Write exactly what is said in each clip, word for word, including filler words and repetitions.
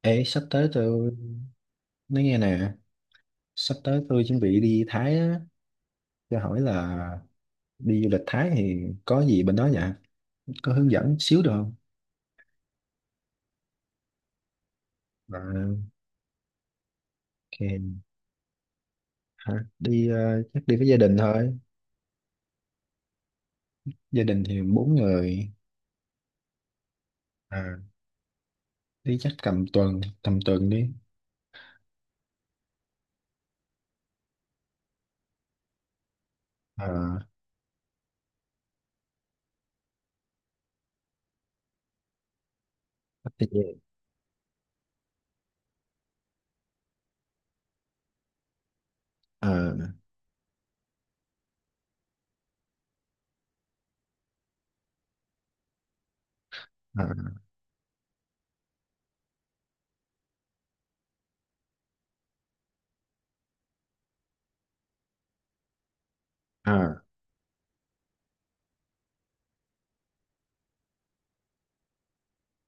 Ê, sắp tới tôi nói nghe nè, sắp tới tôi chuẩn bị đi Thái á, cho hỏi là đi du lịch Thái thì có gì bên đó nhỉ? Có hướng dẫn xíu được không? À, ok, hả? Đi ờ, chắc đi với gia đình thôi, gia đình thì bốn người, à, đi chắc tầm tuần, tầm tuần đi. À, chắc đi về. À, à, à,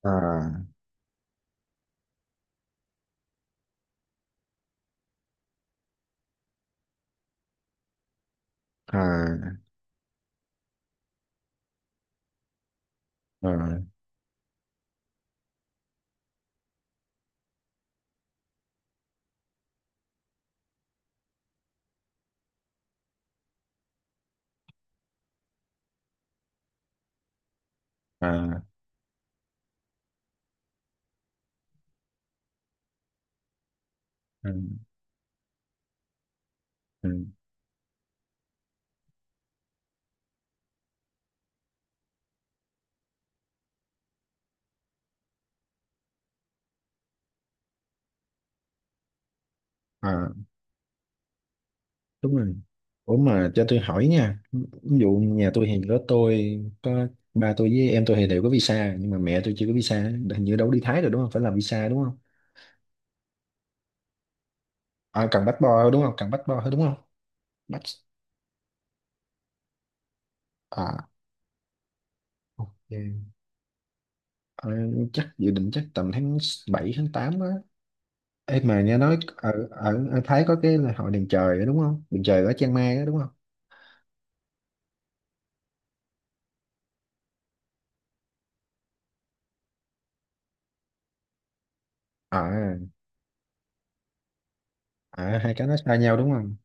à, à, à, à, à, à, à, đúng rồi. Ủa mà cho tôi hỏi nha, ví dụ nhà tôi thì có, tôi có ba tôi với em tôi thì đều có visa nhưng mà mẹ tôi chưa có visa, hình như đâu đi Thái rồi đúng không, phải làm visa đúng không? À, cần passport đúng không, cần passport thôi đúng không? Bắt. À, ok. Ờ, chắc dự định chắc tầm tháng bảy tháng tám á. Ê mà nghe nói ở, ở, ở Thái có cái là hội đèn trời đó, đúng không, đèn trời ở Chiang Mai đó, đúng không? À, à, hai cái nó xa nhau đúng không?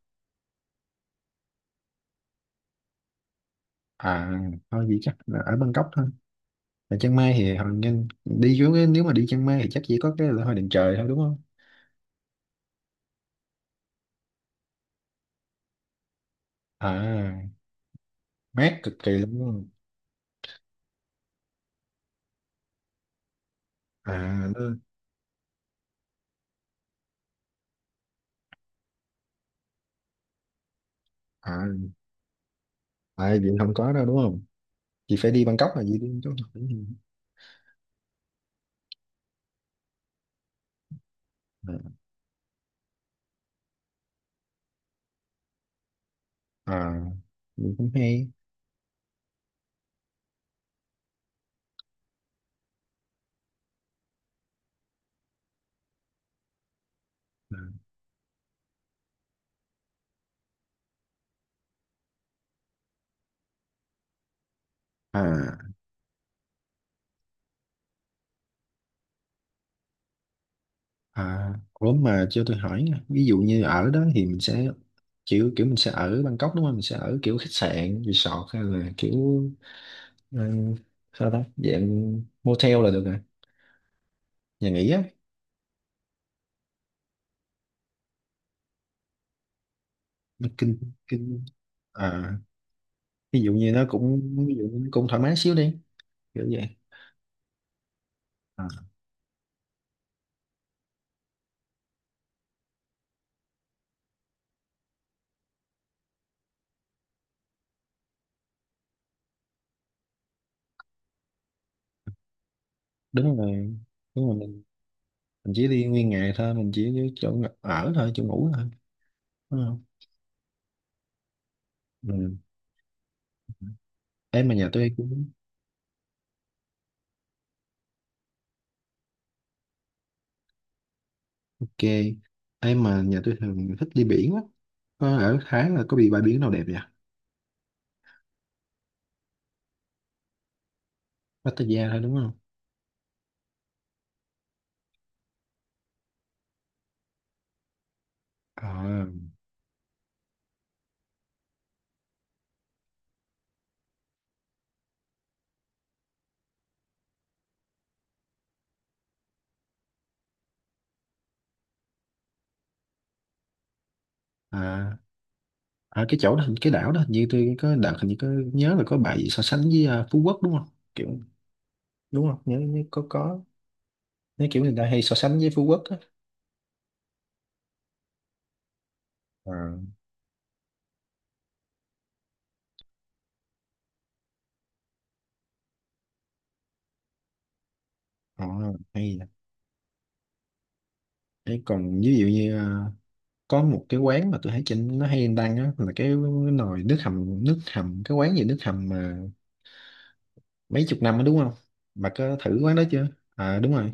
À, thôi vậy chắc là ở Bangkok thôi. Mà Chiang Mai thì hồi nhìn đi xuống cái- nếu mà đi Chiang Mai thì chắc chỉ có cái lễ hội đền trời thôi đúng không? À, mát cực kỳ lắm đúng không? À, nó, à, à vậy không có đâu đúng không? Chị phải đi Bangkok là gì đi chỗ nào? À, à, vậy cũng hay. À, à, ủa mà cho tôi hỏi nha. Ví dụ như ở đó thì mình sẽ kiểu kiểu mình sẽ ở Bangkok đúng không? Mình sẽ ở kiểu khách sạn, resort hay là kiểu ừ, sao ta? Dạng motel là được rồi, nhà nghỉ á. Nó kinh kinh. À, ví dụ như nó cũng ví dụ nó cũng thoải mái xíu đi, kiểu vậy. À, đúng rồi, đúng rồi, mình mình chỉ đi nguyên ngày thôi, mình chỉ đi chỗ ng- ở thôi, chỗ ngủ thôi đúng không? Ừ. em mà nhà tôi cũng ok, em mà nhà tôi thường thích đi biển á, có ở Thái là có bị bãi biển nào đẹp vậy? Pattaya thôi đúng không? À, à, à cái chỗ đó hình- cái đảo đó hình như tôi có đợt hình như có nhớ là có bài gì so sánh với à, Phú Quốc đúng không? Kiểu, đúng không nhớ, nhớ có có nó kiểu người ta hay so sánh với Phú Quốc á. Ờ, ờ, hay vậy. Thế còn ví dụ như à, có một cái quán mà tôi thấy trên nó hay đăng á là cái nồi nước hầm, nước hầm cái quán gì nước hầm mà mấy chục năm á đúng không? Bà có thử quán đó chưa? À đúng rồi.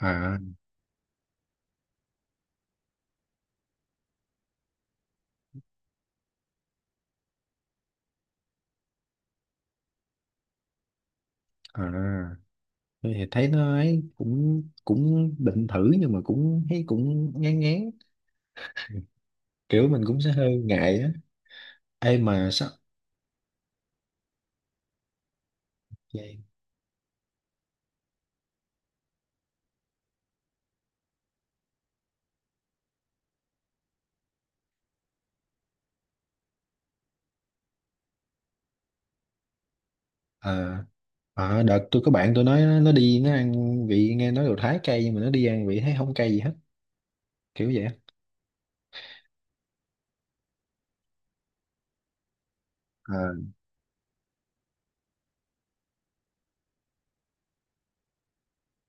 À, à, tôi thì thấy nó ấy cũng cũng định thử nhưng mà cũng thấy cũng ngán ngán, kiểu mình cũng sẽ hơi ngại á. Ê mà sao vậy? Ờ. À, đợt tôi có bạn tôi nói nó nó đi nó ăn, vị nghe nói đồ Thái cay nhưng mà nó đi ăn vị thấy không cay gì hết, kiểu vậy á. Ờ,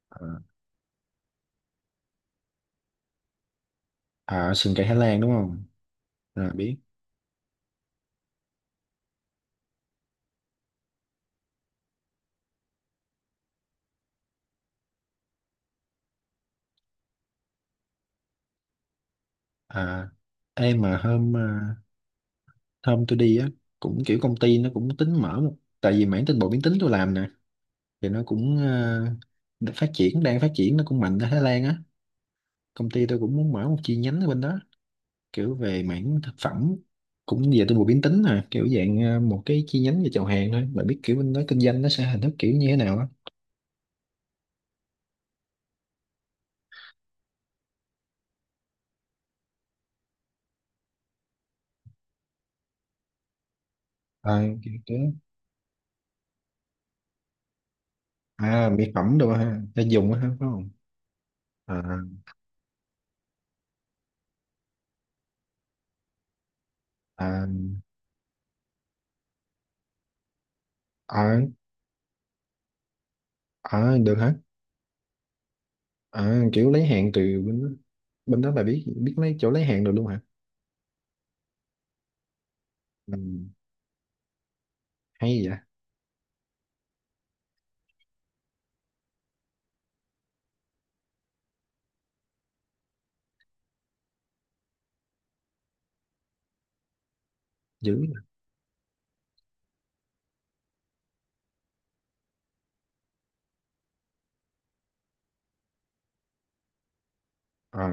ờ. À, sườn cay Thái Lan đúng không? À biết. À, em mà hôm à, hôm tôi đi á cũng kiểu công ty nó cũng tính mở một, tại vì mảng tinh bột biến tính tôi làm nè, thì nó cũng à, phát triển, đang phát triển nó cũng mạnh ở Thái Lan á, công ty tôi cũng muốn mở một chi nhánh ở bên đó, kiểu về mảng thực phẩm, cũng về tôi vừa biến tính à, kiểu dạng ờ, một cái chi nhánh về chào hàng thôi, bạn biết kiểu bên đó kinh doanh nó sẽ hình thức kiểu như thế nào á. À, kiểu thế. À, mỹ phẩm đồ ha, để dùng á ha, phải không? À, à, à, à được hả? À, kiểu lấy hàng từ bên đó. Bên đó bà biết biết lấy chỗ lấy hàng được luôn hả? Ừ, hay vậy. Dữ vậy. À,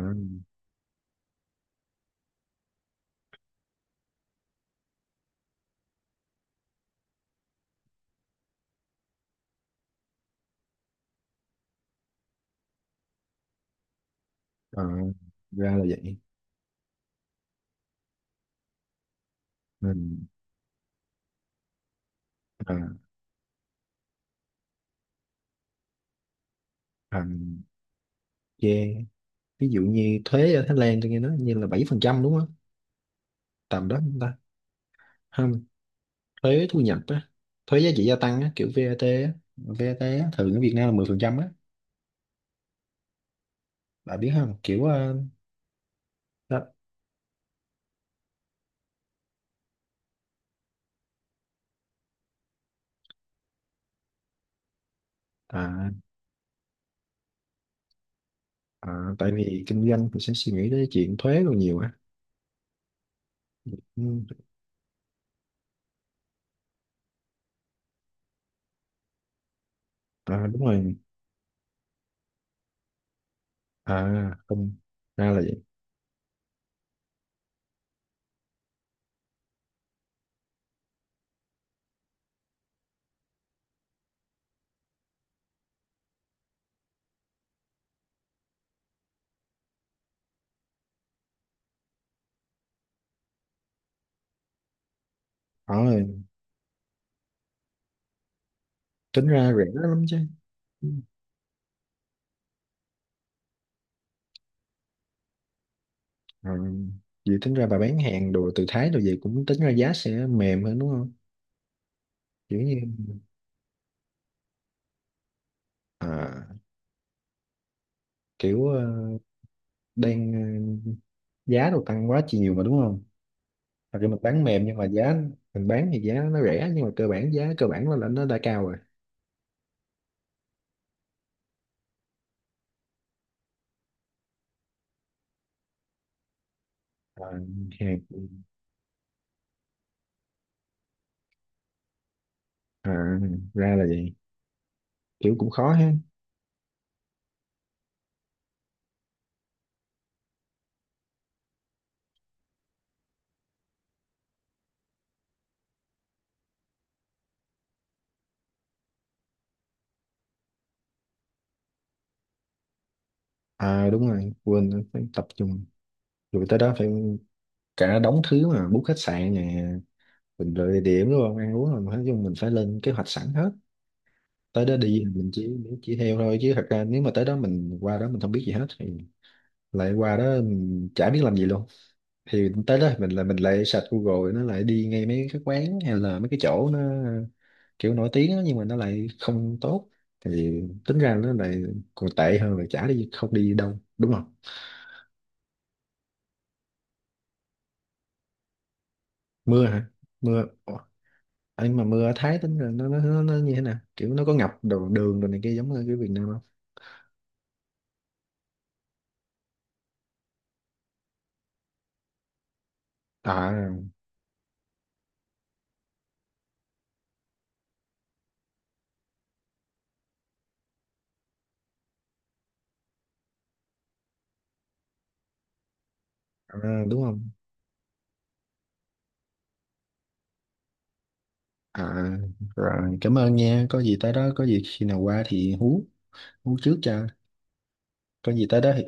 à, ra là vậy. Ừ, à, à, yeah. Ví dụ như thuế ở Thái Lan tôi nghe nói như là bảy phần trăm đúng không? Tầm đó chúng ta. Không, thuế thu nhập á, thuế giá trị gia tăng á, kiểu vi ây ti á, vi ây ti á, thường ở Việt Nam là mười phần trăm á, bạn biết không? Kiểu ờ, đó, à, à, tại vì kinh doanh thì sẽ suy nghĩ tới chuyện thuế còn nhiều á. Ừ, à, đúng rồi. À không, ra là vậy. Ờ, tính ra rẻ lắm chứ. Ừ. À, vậy tính ra bà bán hàng đồ từ Thái đồ gì cũng tính ra giá sẽ mềm hơn đúng không? Kiểu như à, kiểu ờ, đang ờ, giá đồ tăng quá nhiều mà đúng không? Thật ra mình bán mềm nhưng mà giá, mình bán thì giá nó rẻ nhưng mà cơ bản giá cơ bản nó là nó đã cao rồi. À, hàng-. À, ra là vậy, kiểu cũng khó ha. À đúng rồi quên, phải tập trung. Rồi tới đó phải cả đống thứ mà book khách sạn nè, mình lựa địa điểm đúng không, ăn uống rồi, nói chung mình phải lên kế hoạch sẵn hết. Tới đó đi mình chỉ chỉ theo thôi chứ thật ra nếu mà tới đó mình qua đó mình không biết gì hết thì, lại qua đó mình chả biết làm gì luôn, thì tới đó mình là mình lại search Google nó lại đi ngay mấy cái quán hay là mấy cái chỗ nó kiểu nổi tiếng á, nhưng mà nó lại không tốt, thì tính ra nó lại còn tệ hơn là chả đi không đi đâu đúng không? Mưa hả? Mưa. Ủa, ấy mà mưa ở Thái tính là nó nó nó, nó như thế nào, kiểu nó có ngập đồ đường đồ này kia giống như cái Việt Nam không? À, à đúng không? À rồi cảm ơn nha, có gì tới đó, có gì khi nào qua thì hú, hú trước cho. Có gì tới đó thì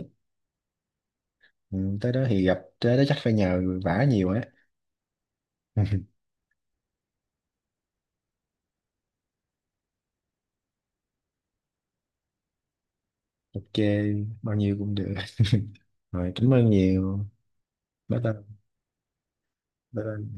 ừ, tới đó thì gặp, tới đó chắc phải nhờ vả nhiều á. Ok, bao nhiêu cũng được, rồi cảm ơn nhiều. Bye bye. Bye bye.